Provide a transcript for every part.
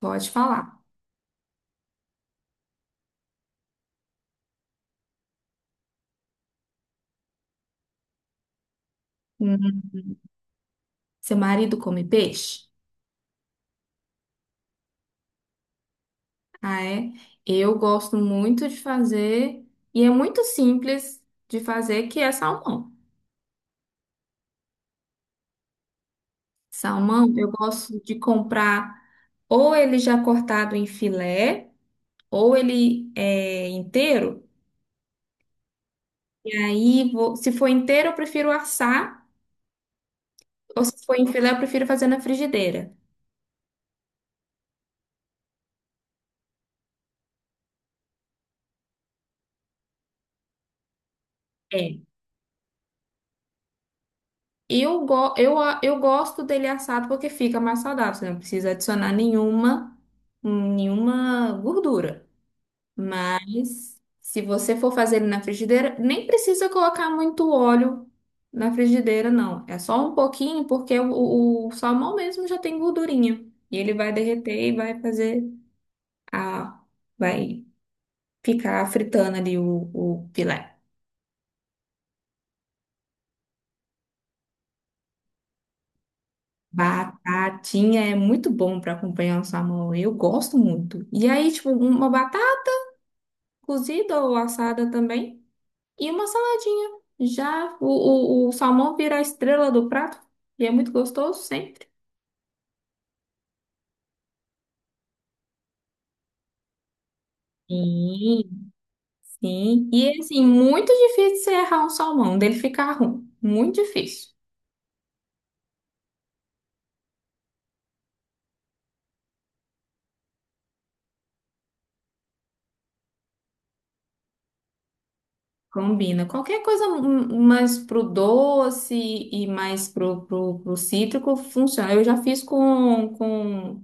Pode falar. Hum, Seu marido come peixe? Ah, é? Eu gosto muito de fazer, e é muito simples de fazer, que é salmão. Salmão, eu gosto de comprar ou ele já cortado em filé, ou ele é inteiro. E aí, se for inteiro, eu prefiro assar, ou se for em filé, eu prefiro fazer na frigideira. É. Eu, go eu, a- eu gosto dele assado porque fica mais saudável, você não precisa adicionar nenhuma gordura. Mas se você for fazer ele na frigideira, nem precisa colocar muito óleo na frigideira, não. É só um pouquinho, porque o salmão mesmo já tem gordurinha. E ele vai derreter e vai fazer a. Vai ficar fritando ali o filé. Batatinha é muito bom para acompanhar o salmão. Eu gosto muito. E aí, tipo, uma batata cozida ou assada também e uma saladinha. Já o salmão vira a estrela do prato e é muito gostoso sempre. Sim, sim. E assim, muito difícil você errar um salmão, dele ficar ruim. Muito difícil. Combina. Qualquer coisa mais pro doce e mais pro cítrico funciona. Eu já fiz com.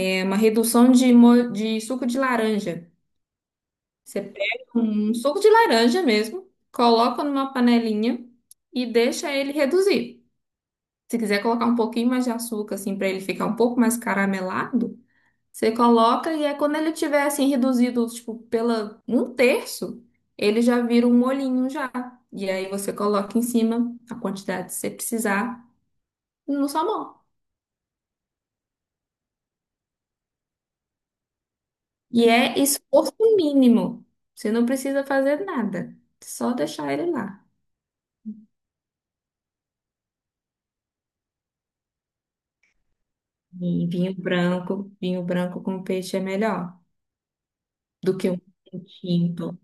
É uma redução de suco de laranja. Você pega um suco de laranja mesmo, coloca numa panelinha e deixa ele reduzir. Se quiser colocar um pouquinho mais de açúcar, assim, para ele ficar um pouco mais caramelado, você coloca e é quando ele tiver, assim, reduzido, tipo, pela um terço, ele já vira um molhinho já. E aí você coloca em cima a quantidade que você precisar no salmão. E é esforço mínimo. Você não precisa fazer nada. Só deixar ele lá. E vinho branco com peixe é melhor do que um vinho tinto.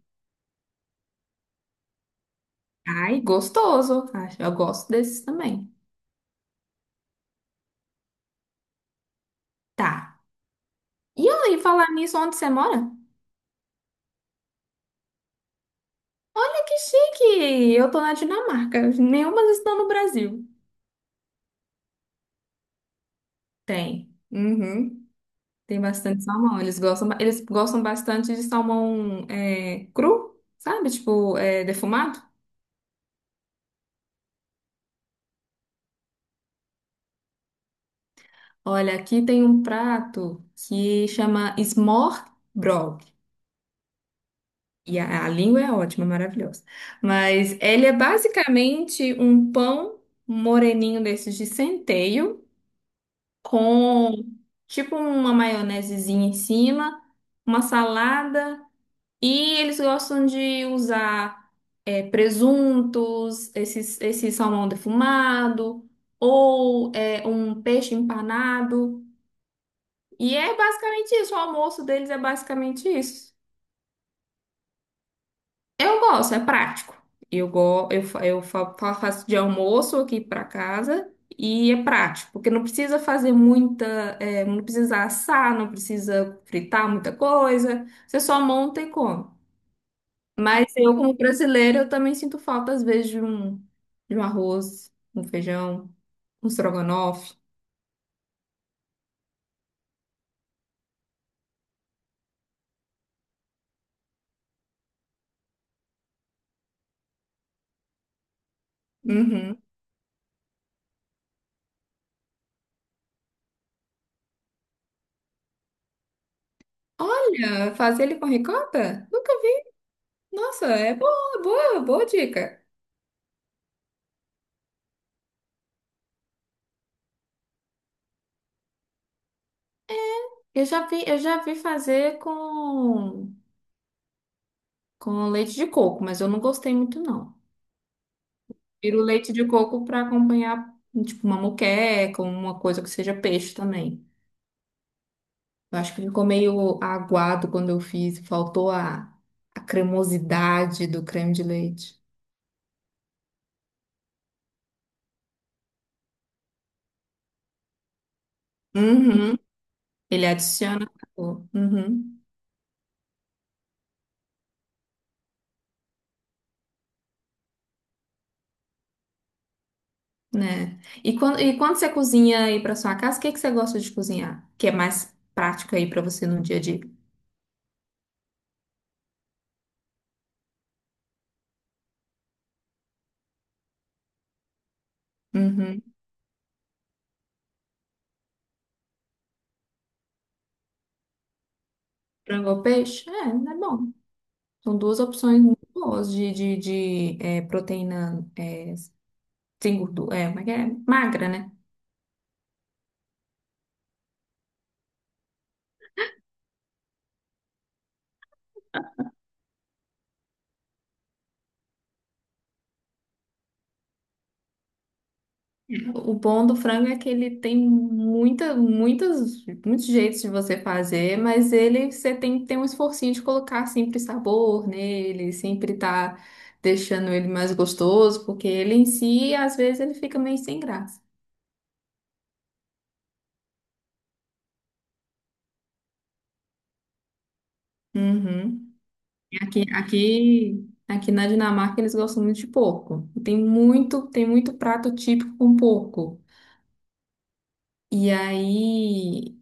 Ai, gostoso. Acho- Eu gosto desses também. Tá. E aí, falar nisso, onde você mora? Olha que chique! Eu tô na Dinamarca. Nenhuma estão no Brasil. Tem. Uhum. Tem bastante salmão. Eles gostam, eles gostam bastante de salmão é, cru, sabe? Tipo, é, defumado. Olha, aqui tem um prato que chama smørrebrød. E a língua é ótima, maravilhosa. Mas ele é basicamente um pão moreninho desses de centeio, com tipo uma maionesezinha em cima, uma salada. E eles gostam de usar presuntos, esse salmão defumado, ou um peixe empanado. E é basicamente isso, o almoço deles é basicamente isso. Eu gosto, é prático. Eu, go eu fa- fa- faço de almoço aqui para casa e é prático, porque não precisa fazer muita, é, não precisa assar, não precisa fritar muita coisa, você só monta e come. Mas eu, como brasileira, eu também sinto falta, às vezes, de um arroz, um feijão, um estrogonofe. Uhum. Olha, fazer ele com ricota? Nunca. Nossa, é boa, boa, boa dica. Eu já vi fazer com leite de coco, mas eu não gostei muito, não. Tiro leite de coco para acompanhar, tipo, uma moqueca, uma coisa que seja peixe também. Eu acho que ficou meio aguado quando eu fiz, faltou a cremosidade do creme de leite. Uhum. Ele adiciona sabor. Uhum. Né? E quando você cozinha aí para sua casa, o que que você gosta de cozinhar? Que é mais prático aí para você no dia a dia? Uhum. Frango ou peixe? É, é bom. São duas opções muito boas de é, proteína é, sem gordura. É, como é que é? Magra, né? O bom do frango é que ele tem muita, muitas, muitos jeitos de você fazer, mas ele você tem que ter um esforcinho de colocar sempre sabor nele, sempre tá deixando ele mais gostoso, porque ele em si, às vezes, ele fica meio sem graça. Uhum. Aqui na Dinamarca eles gostam muito de porco. Tem muito prato típico com porco. E aí,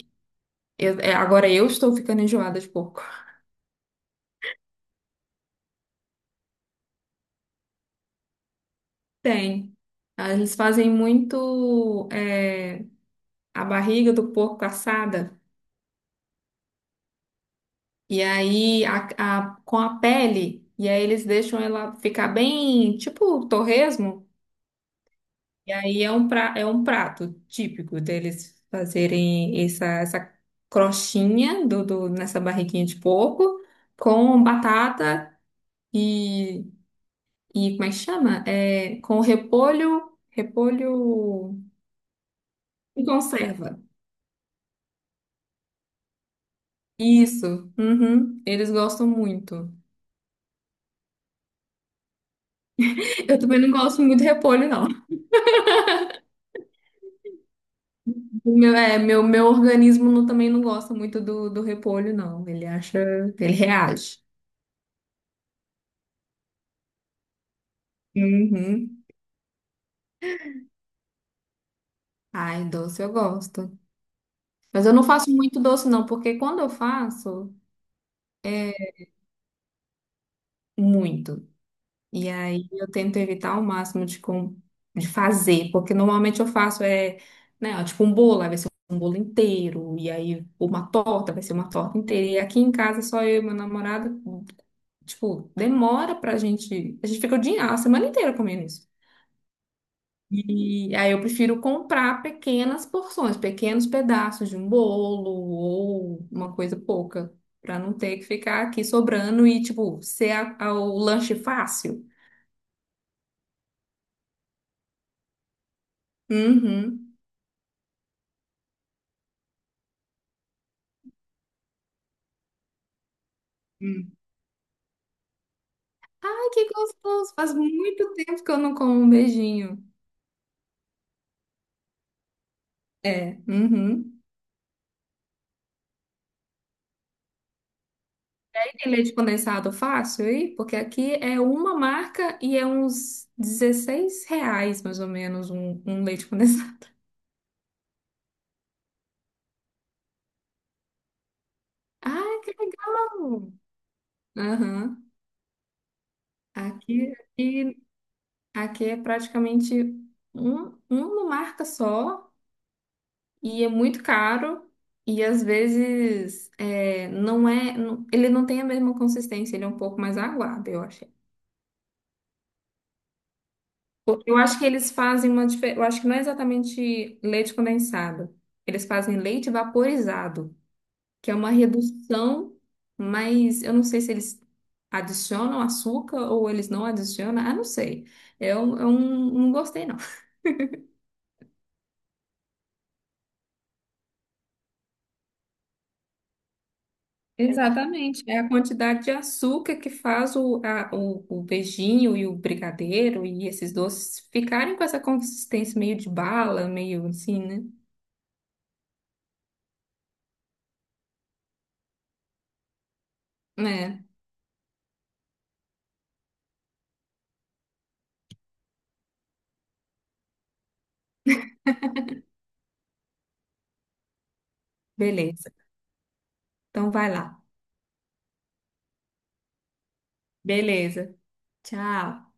é, agora eu estou ficando enjoada de porco. Tem. Ah, eles fazem muito é, a barriga do porco assada. E aí, com a pele. E aí eles deixam ela ficar bem, tipo torresmo. E aí é um prato típico deles fazerem essa crostinha nessa barriguinha de porco com batata e, e como é que chama? É, com repolho, repolho e conserva. Isso, uhum, eles gostam muito. Eu também não gosto muito de repolho, não. O meu organismo não- também não gosta muito do repolho, não. Ele acha, ele reage. Uhum. Ai, doce eu gosto. Mas eu não faço muito doce, não, porque quando eu faço, é muito. E aí eu tento evitar ao máximo de fazer, porque normalmente eu faço né, ó, tipo um bolo, aí vai ser um bolo inteiro, e aí uma torta, vai ser uma torta inteira. E aqui em casa só eu e meu namorado, tipo, demora pra gente. A gente fica o dia, a semana inteira comendo isso. E aí eu prefiro comprar pequenas porções, pequenos pedaços de um bolo ou uma coisa pouca, para não ter que ficar aqui sobrando e, tipo, ser o lanche fácil. Uhum. Hum. Ai, que gostoso! Faz muito tempo que eu não como um beijinho. É, uhum. Tem leite condensado fácil aí? Porque aqui é uma marca e é uns R$ 16, mais ou menos, um leite condensado. Ai, que legal! Aham. Aqui, aqui, aqui é praticamente uma marca só e é muito caro e às vezes é, não é, ele não tem a mesma consistência, ele é um pouco mais aguado, eu achei. Porque eu acho que eles fazem uma diferença, eu acho que não é exatamente leite condensado, eles fazem leite vaporizado, que é uma redução, mas eu não sei se eles adicionam açúcar ou eles não adicionam, ah, não sei. Eu não gostei, não. Exatamente, é a quantidade de açúcar que faz o beijinho e o brigadeiro e esses doces ficarem com essa consistência meio de bala, meio assim, né? É, beleza. Então vai lá. Beleza. Tchau.